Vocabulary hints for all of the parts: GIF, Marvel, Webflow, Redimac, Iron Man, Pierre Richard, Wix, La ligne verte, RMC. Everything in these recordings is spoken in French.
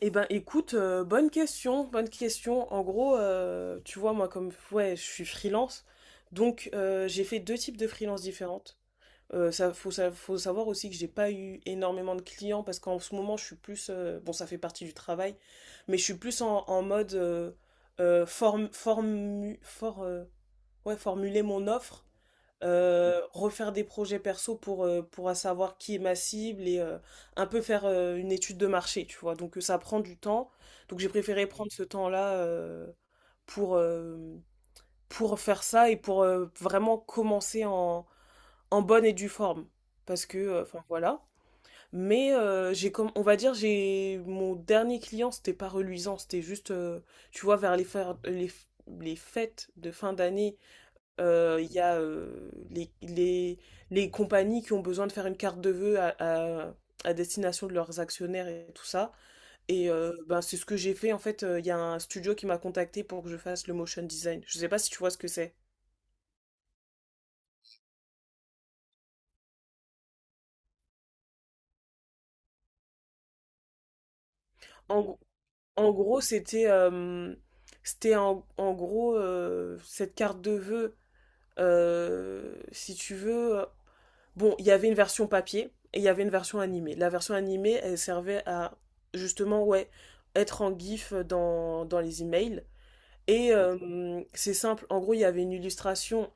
Eh ben écoute, bonne question, bonne question. En gros, tu vois, moi comme ouais, je suis freelance, donc j'ai fait deux types de freelance différentes. Ça, faut savoir aussi que j'ai pas eu énormément de clients parce qu'en ce moment je suis plus, bon ça fait partie du travail, mais je suis plus en mode euh, form- formu- for- euh, ouais, formuler mon offre refaire des projets perso pour savoir qui est ma cible et un peu faire une étude de marché, tu vois. Donc ça prend du temps. Donc j'ai préféré prendre ce temps-là pour, euh, pour faire ça et pour vraiment commencer en bonne et due forme. Parce que, enfin voilà. Mais j'ai comme, on va dire, j'ai mon dernier client, c'était pas reluisant, c'était juste, tu vois, vers les, fer- les, f- les fêtes de fin d'année il y a les compagnies qui ont besoin de faire une carte de vœux à- à destination de leurs actionnaires et tout ça. Et ben, c'est ce que j'ai fait. En fait, il y a un studio qui m'a contacté pour que je fasse le motion design. Je sais pas si tu vois ce que c'est. En, gr- en gros, c'était c'était en, en gros cette carte de vœux si tu veux. Bon, il y avait une version papier et il y avait une version animée. La version animée, elle servait à justement, ouais, être en GIF dans les emails. Et c'est simple, en gros, il y avait une illustration.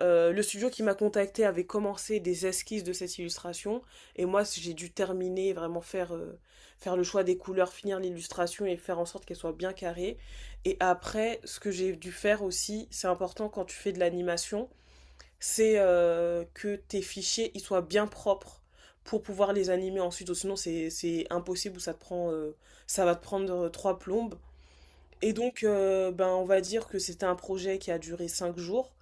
Le studio qui m'a contacté avait commencé des esquisses de cette illustration et moi j'ai dû terminer, vraiment faire, faire le choix des couleurs, finir l'illustration et faire en sorte qu'elle soit bien carrée. Et après, ce que j'ai dû faire aussi, c'est important quand tu fais de l'animation, c'est que tes fichiers ils soient bien propres pour pouvoir les animer ensuite, sinon c'est impossible ou ça te prend ça va te prendre trois plombes. Et donc ben on va dire que c'était un projet qui a duré cinq jours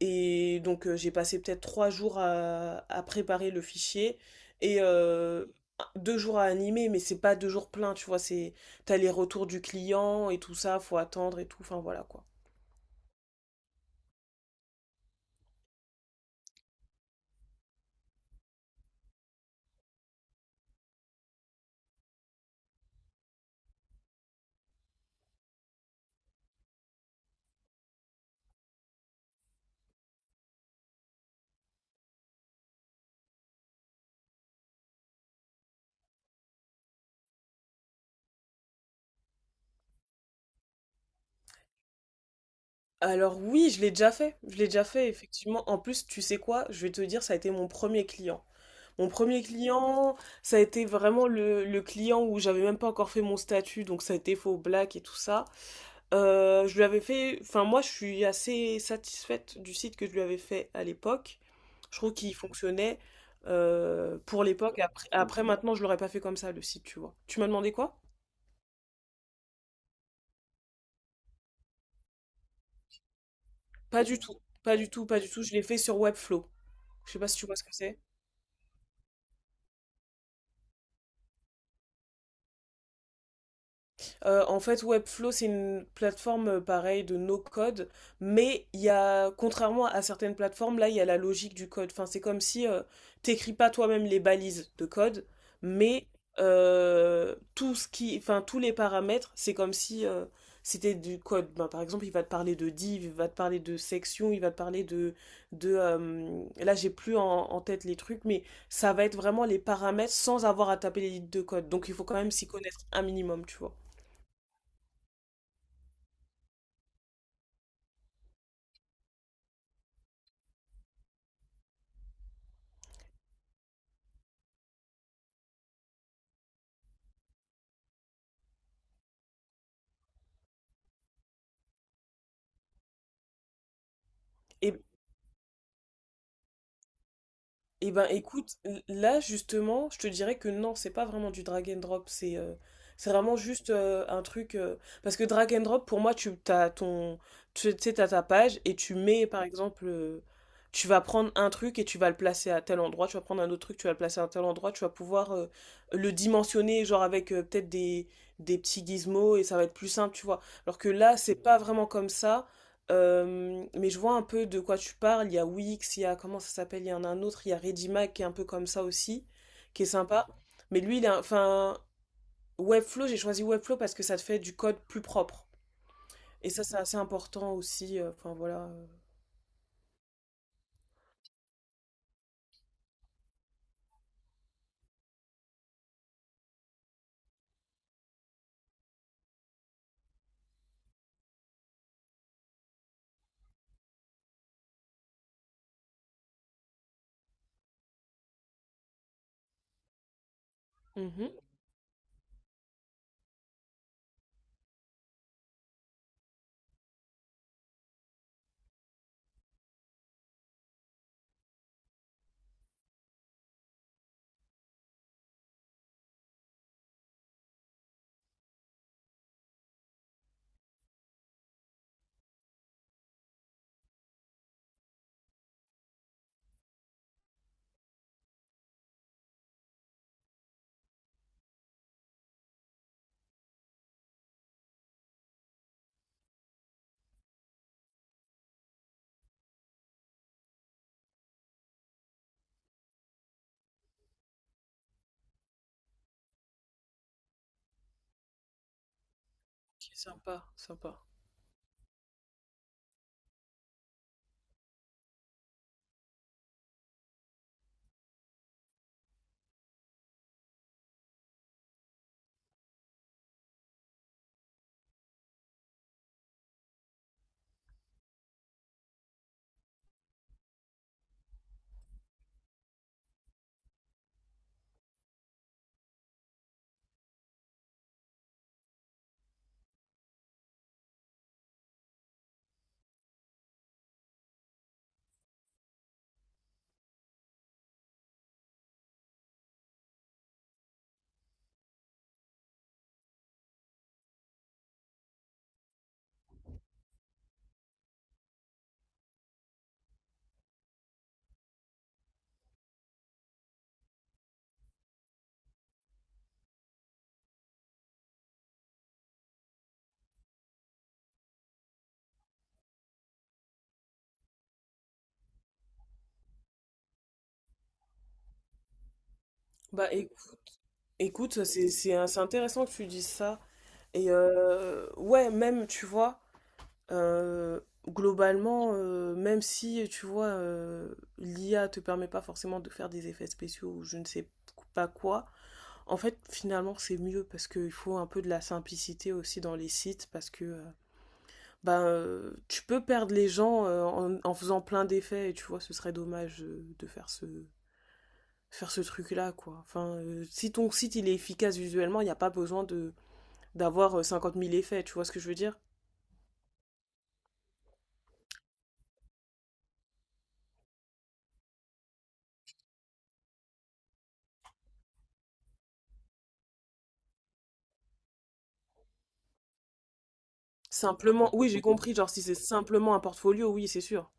et donc j'ai passé peut-être trois jours à préparer le fichier et deux jours à animer, mais c'est pas deux jours pleins, tu vois, c'est t'as les retours du client et tout ça, faut attendre et tout, enfin voilà quoi. Alors oui, je l'ai déjà fait. Je l'ai déjà fait, effectivement. En plus, tu sais quoi? Je vais te dire, ça a été mon premier client. Mon premier client, ça a été vraiment le client où j'avais même pas encore fait mon statut, donc ça a été faux black et tout ça. Je lui avais fait, enfin moi, je suis assez satisfaite du site que je lui avais fait à l'époque. Je trouve qu'il fonctionnait pour l'époque. Après, maintenant, je l'aurais pas fait comme ça, le site, tu vois. Tu m'as demandé quoi? Pas du tout, pas du tout. Je l'ai fait sur Webflow. Je sais pas si tu vois ce que c'est. En fait, Webflow, c'est une plateforme pareil de no code, mais il y a, contrairement à certaines plateformes, là, il y a la logique du code. Enfin, c'est comme si t'écris pas toi-même les balises de code, mais tout ce qui, enfin, tous les paramètres, c'est comme si c'était du code. Ben, par exemple, il va te parler de div, il va te parler de section, il va te parler de, là, j'ai plus en tête les trucs, mais ça va être vraiment les paramètres sans avoir à taper les lignes de code. Donc, il faut quand même s'y connaître un minimum, tu vois. Et, et ben écoute, là justement, je te dirais que non, c'est pas vraiment du drag and drop, c'est vraiment juste un truc, parce que drag and drop, pour moi, tu t'as ton, tu tu sais, t'as ta page et tu mets par exemple, tu vas prendre un truc et tu vas le placer à tel endroit, tu vas prendre un autre truc, tu vas le placer à tel endroit, tu vas pouvoir le dimensionner, genre avec peut-être des petits gizmos et ça va être plus simple, tu vois. Alors que là, c'est pas vraiment comme ça. Mais je vois un peu de quoi tu parles. Il y a Wix, il y a comment ça s'appelle, il y en a un autre, il y a Redimac qui est un peu comme ça aussi, qui est sympa. Mais lui, il a, enfin, Webflow, j'ai choisi Webflow parce que ça te fait du code plus propre. Et ça, c'est assez important aussi. Enfin voilà. Mhm. Ok, sympa, sympa. Bah éc- écoute, c'est intéressant que tu dises ça. Et ouais, même, tu vois. Euh, globalement, même si, tu vois, l'IA te permet pas forcément de faire des effets spéciaux ou je ne sais pas quoi, en fait, finalement, c'est mieux parce qu'il faut un peu de la simplicité aussi dans les sites parce que tu peux perdre les gens en faisant plein d'effets et tu vois, ce serait dommage de faire ce truc-là, quoi. Enfin, si ton site il est efficace visuellement, il n'y a pas besoin de d'avoir 50 000 effets, tu vois ce que je veux dire? Simplement, oui, j'ai compris, genre si c'est simplement un portfolio, oui, c'est sûr.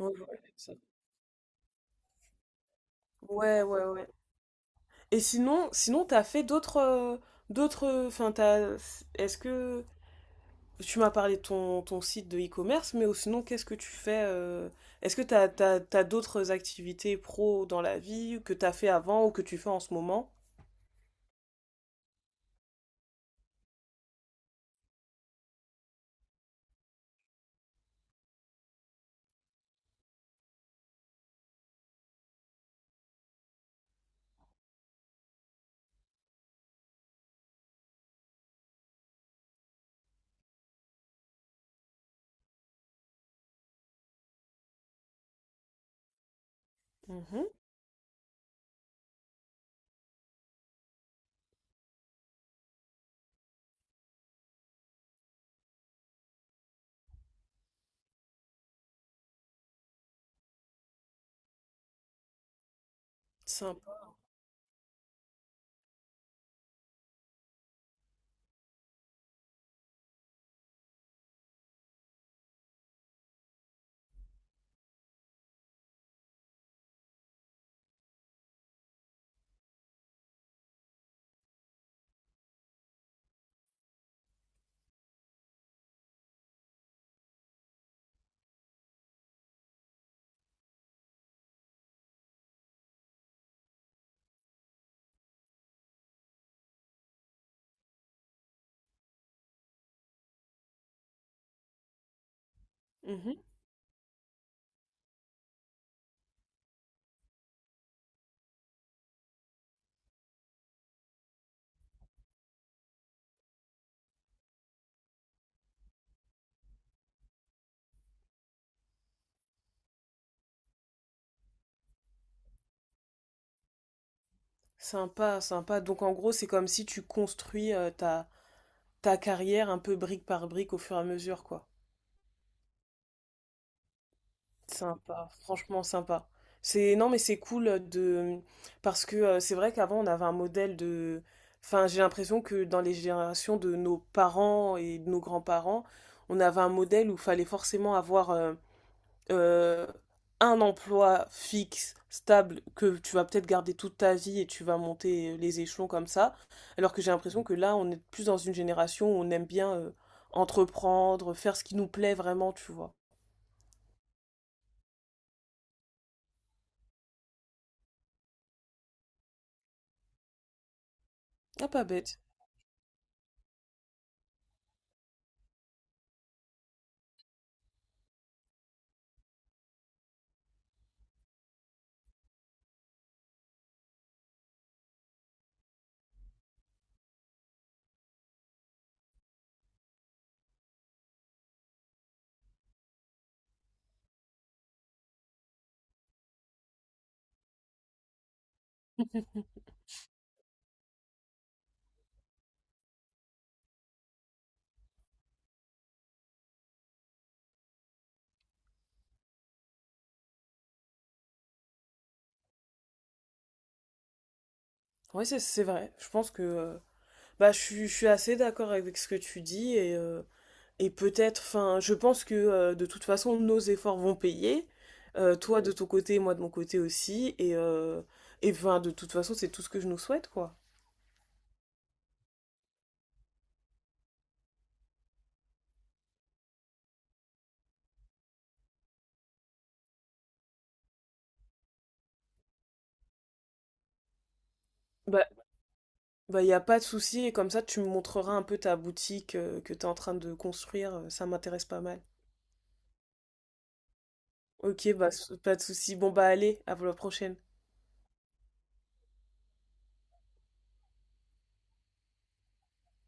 Ouais, Ça- ouais. Et sinon, t'as fait d'autres, d'autres, enfin, t'as, est-ce que tu m'as parlé de ton, ton site de e-commerce, mais sinon, qu'est-ce que tu fais est-ce que t'as d'autres activités pro dans la vie ou que t'as fait avant ou que tu fais en ce moment? Mhm, sympa. Mhm, sympa, sympa. Donc en gros, c'est comme si tu construis ta carrière un peu brique par brique au fur et à mesure, quoi. Sympa, franchement sympa. C'est non mais c'est cool de parce que c'est vrai qu'avant on avait un modèle de enfin j'ai l'impression que dans les générations de nos parents et de nos grands-parents, on avait un modèle où il fallait forcément avoir euh, un emploi fixe, stable, que tu vas peut-être garder toute ta vie et tu vas monter les échelons comme ça. Alors que j'ai l'impression que là, on est plus dans une génération où on aime bien entreprendre, faire ce qui nous plaît vraiment, tu vois. Ah, pas bête. Oui, c'est vrai. Je pense que suis je suis assez d'accord avec ce que tu dis, et je pense que de toute façon, nos efforts vont payer. Toi de ton côté, moi de mon côté aussi. Et, 'fin, de toute façon, c'est tout ce que je nous souhaite, quoi. Bah, y a pas de souci, et comme ça, tu me montreras un peu ta boutique que tu es en train de construire, ça m'intéresse pas mal. Ok, pas de souci. Bon, bah, allez, à la prochaine.